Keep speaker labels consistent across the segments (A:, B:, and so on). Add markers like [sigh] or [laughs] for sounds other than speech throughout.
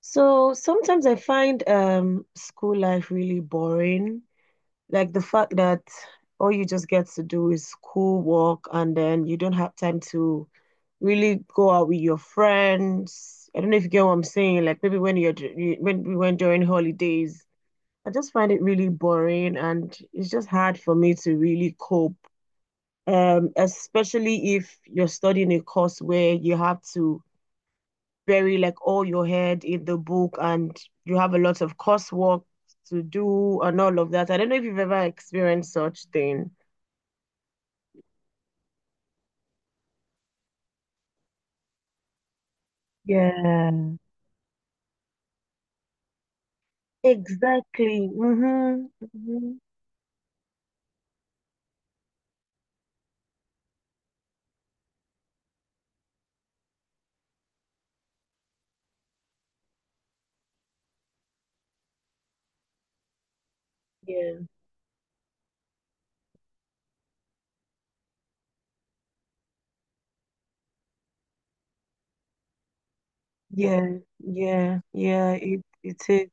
A: So sometimes I find school life really boring. Like the fact that all you just get to do is school work and then you don't have time to really go out with your friends. I don't know if you get what I'm saying. Like maybe when you're when we went during holidays, I just find it really boring and it's just hard for me to really cope. Especially if you're studying a course where you have to bury like all your head in the book and you have a lot of coursework to do and all of that. I don't know if you've ever experienced such thing. Yeah. Exactly. Mm-hmm. Hmm. Yeah. Yeah. Yeah. Yeah. It is.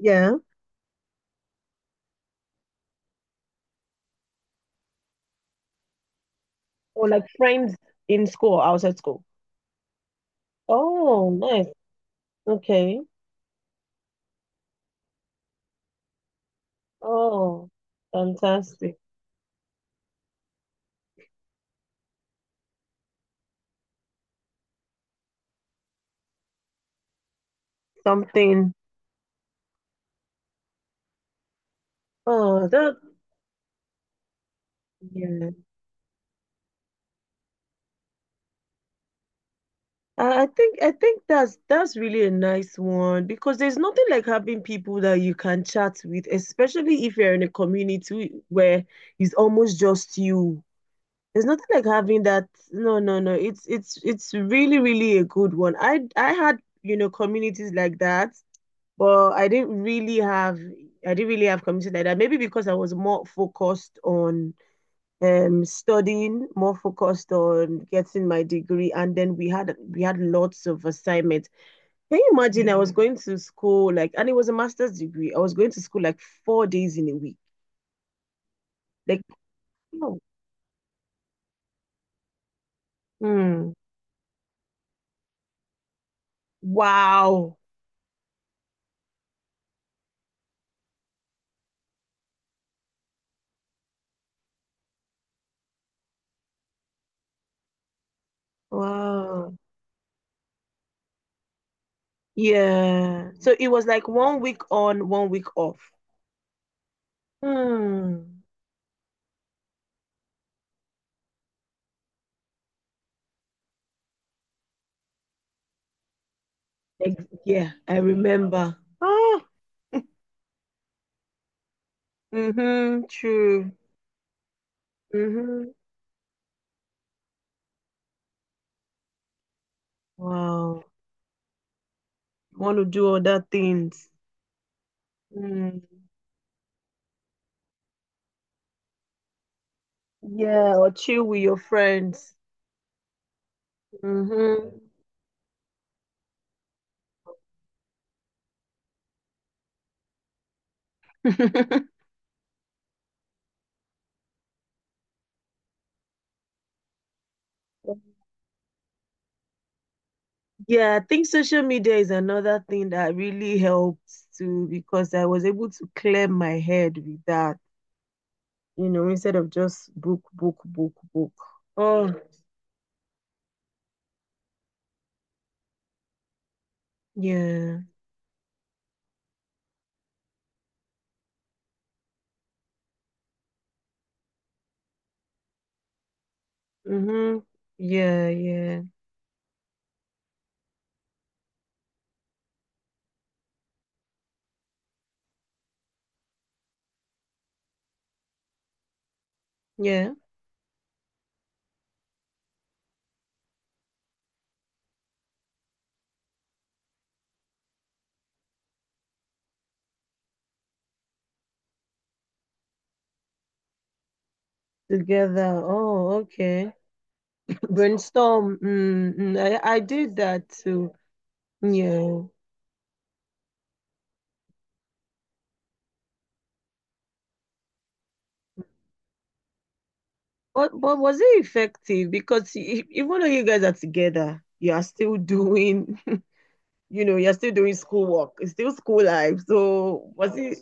A: Yeah. Or like friends in school, outside school. Oh, nice. Okay. Oh, fantastic. Something. Oh, that Yeah. I think that's really a nice one because there's nothing like having people that you can chat with, especially if you're in a community where it's almost just you. There's nothing like having that. No, no, no. It's really, really a good one. I had communities like that, but I didn't really have communities like that. Maybe because I was more focused on studying, more focused on getting my degree, and then we had lots of assignments. Can you imagine? Mm. I was going to school like, and it was a master's degree. I was going to school like 4 days in a week. Like, oh, mm, wow, wow, yeah. So it was like one week on, one week off. Mm, like, yeah, I remember. Ah, mm-hmm, true. Mm-hmm. Wow, want to do other things. Mm. Yeah, or chill with your friends. Mm-hmm. [laughs] Yeah, I think social media is another thing that really helped too because I was able to clear my head with that instead of just book, book, book, book. Oh, yeah. Mm-hmm. Yeah, yeah, yeah. Together. Oh, okay. Brainstorm. Mm-hmm. I did that too. Yeah. But was it effective? Because even though you guys are together, you are still doing, [laughs] you're still doing schoolwork. It's still school life. So was it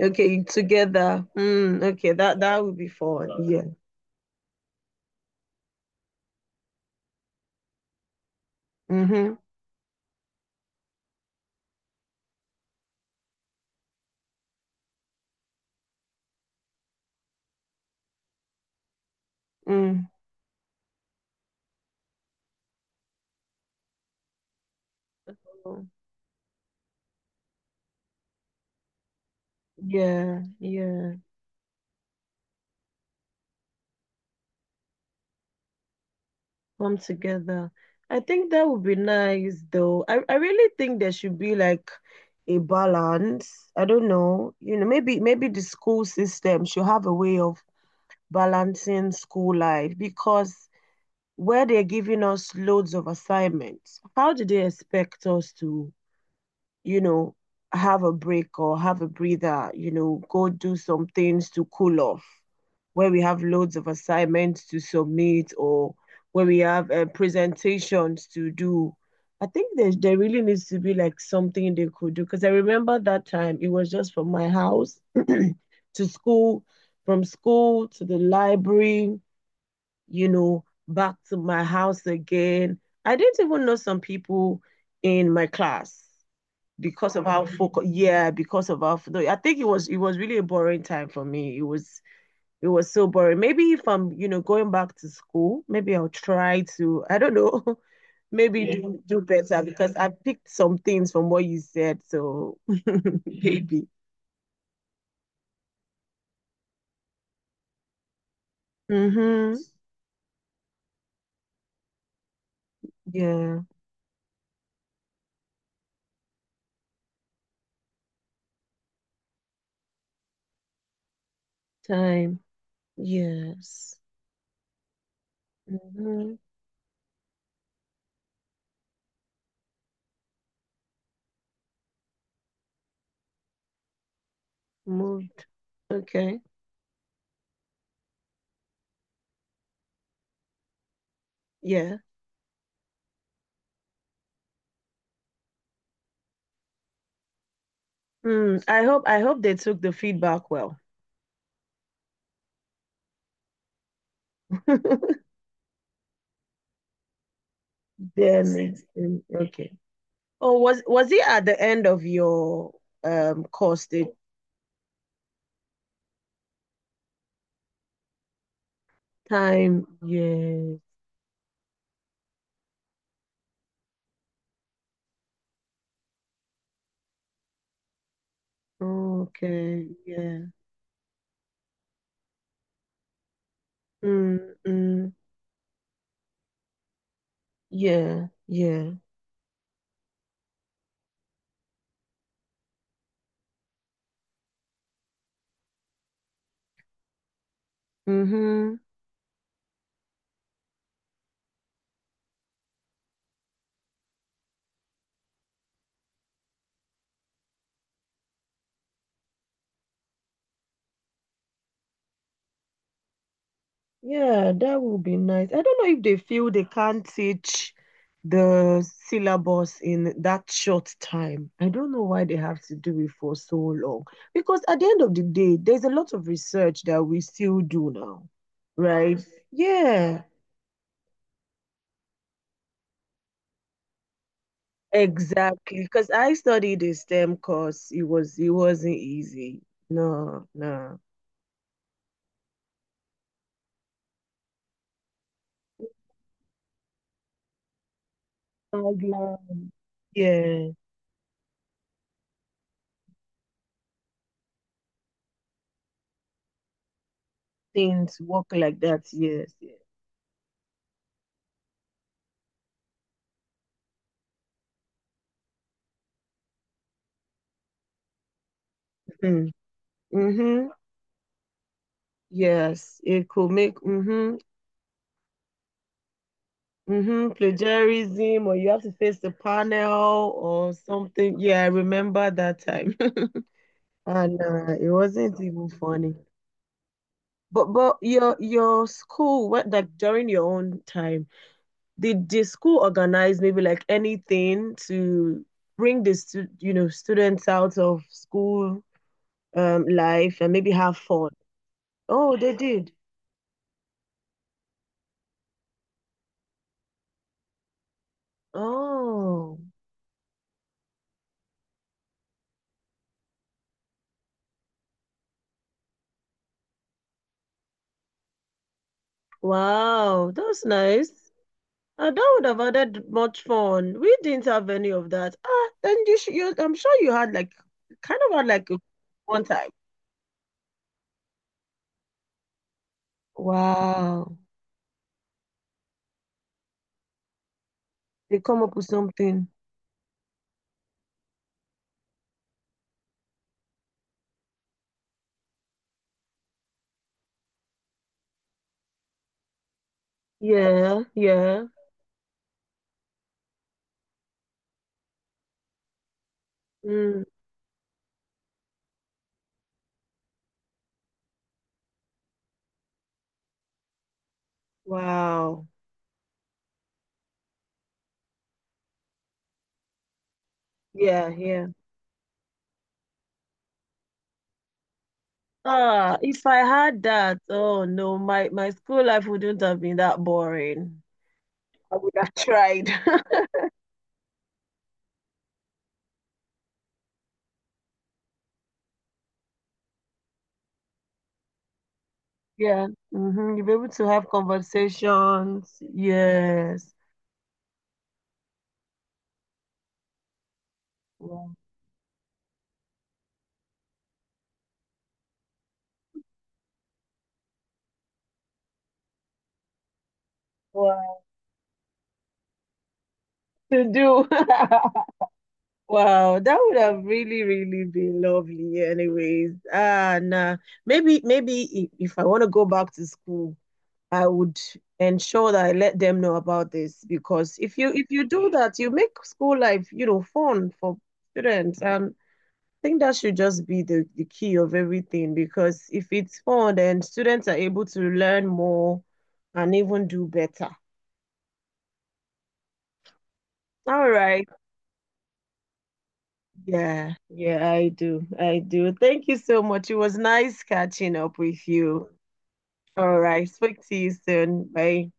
A: okay together? Mm, okay, that would be fun. Yeah. Mm-hmm. Mm. Yeah, yeah. Come together. I think that would be nice though. I really think there should be like a balance. I don't know. Maybe the school system should have a way of balancing school life because where they're giving us loads of assignments, how do they expect us to, you know, have a break or have a breather go do some things to cool off where we have loads of assignments to submit or where we have presentations to do? I think there really needs to be like something they could do because I remember that time it was just from my house [clears throat] to school, from school to the library, back to my house again. I didn't even know some people in my class because of how focus. Yeah, because of how. I think it was really a boring time for me. It was so boring. Maybe if I'm going back to school, maybe I'll try to. I don't know. [laughs] Maybe. Yeah. Do better because I picked some things from what you said. So [laughs] maybe. Mm-hmm. Yeah. Time. Yes. Mm-hmm. Moved. Okay. Yeah. Mm, I hope they took the feedback well. [laughs] Then mm, okay. Oh, was it at the end of your course the time? Yeah. Okay. Yeah. Mm, mm, yeah. Yeah. Mm-hmm. Yeah, that would be nice. I don't know if they feel they can't teach the syllabus in that short time. I don't know why they have to do it for so long. Because at the end of the day, there's a lot of research that we still do now, right? Yeah, exactly. Because I studied a STEM course. It wasn't easy. No, no. Guidelines. Yeah, things work like that. Yes, yes. Mm-hmm. Mm-hmm. Yes, it could make, mm-hmm, mm-hmm, plagiarism, or you have to face the panel or something. Yeah, I remember that time. [laughs] And it wasn't even funny. But your school, what like during your own time, did the school organize maybe like anything to bring the students out of school life and maybe have fun? Oh, they did. Oh, wow, that's nice. That would have added much fun. We didn't have any of that. Ah, then I'm sure you had like, kind of had like one time. Wow. They come up with something. Yeah, yeah. Mm. Wow. Yeah, yeah. Ah, if I had that, oh no, my school life wouldn't have been that boring. I would have tried. [laughs] Yeah, mm-hmm. You'll be able to have conversations. Yes. Wow. Wow. To do. [laughs] Wow, that would have really, really been lovely anyways. Ah, nah. Maybe if I want to go back to school, I would ensure that I let them know about this because if you do that, you make school life fun for students. And I think that should just be the key of everything because if it's fun, then students are able to learn more and even do better. All right. Yeah, yeah, I do. I do. Thank you so much. It was nice catching up with you. All right. Speak to you soon. Bye.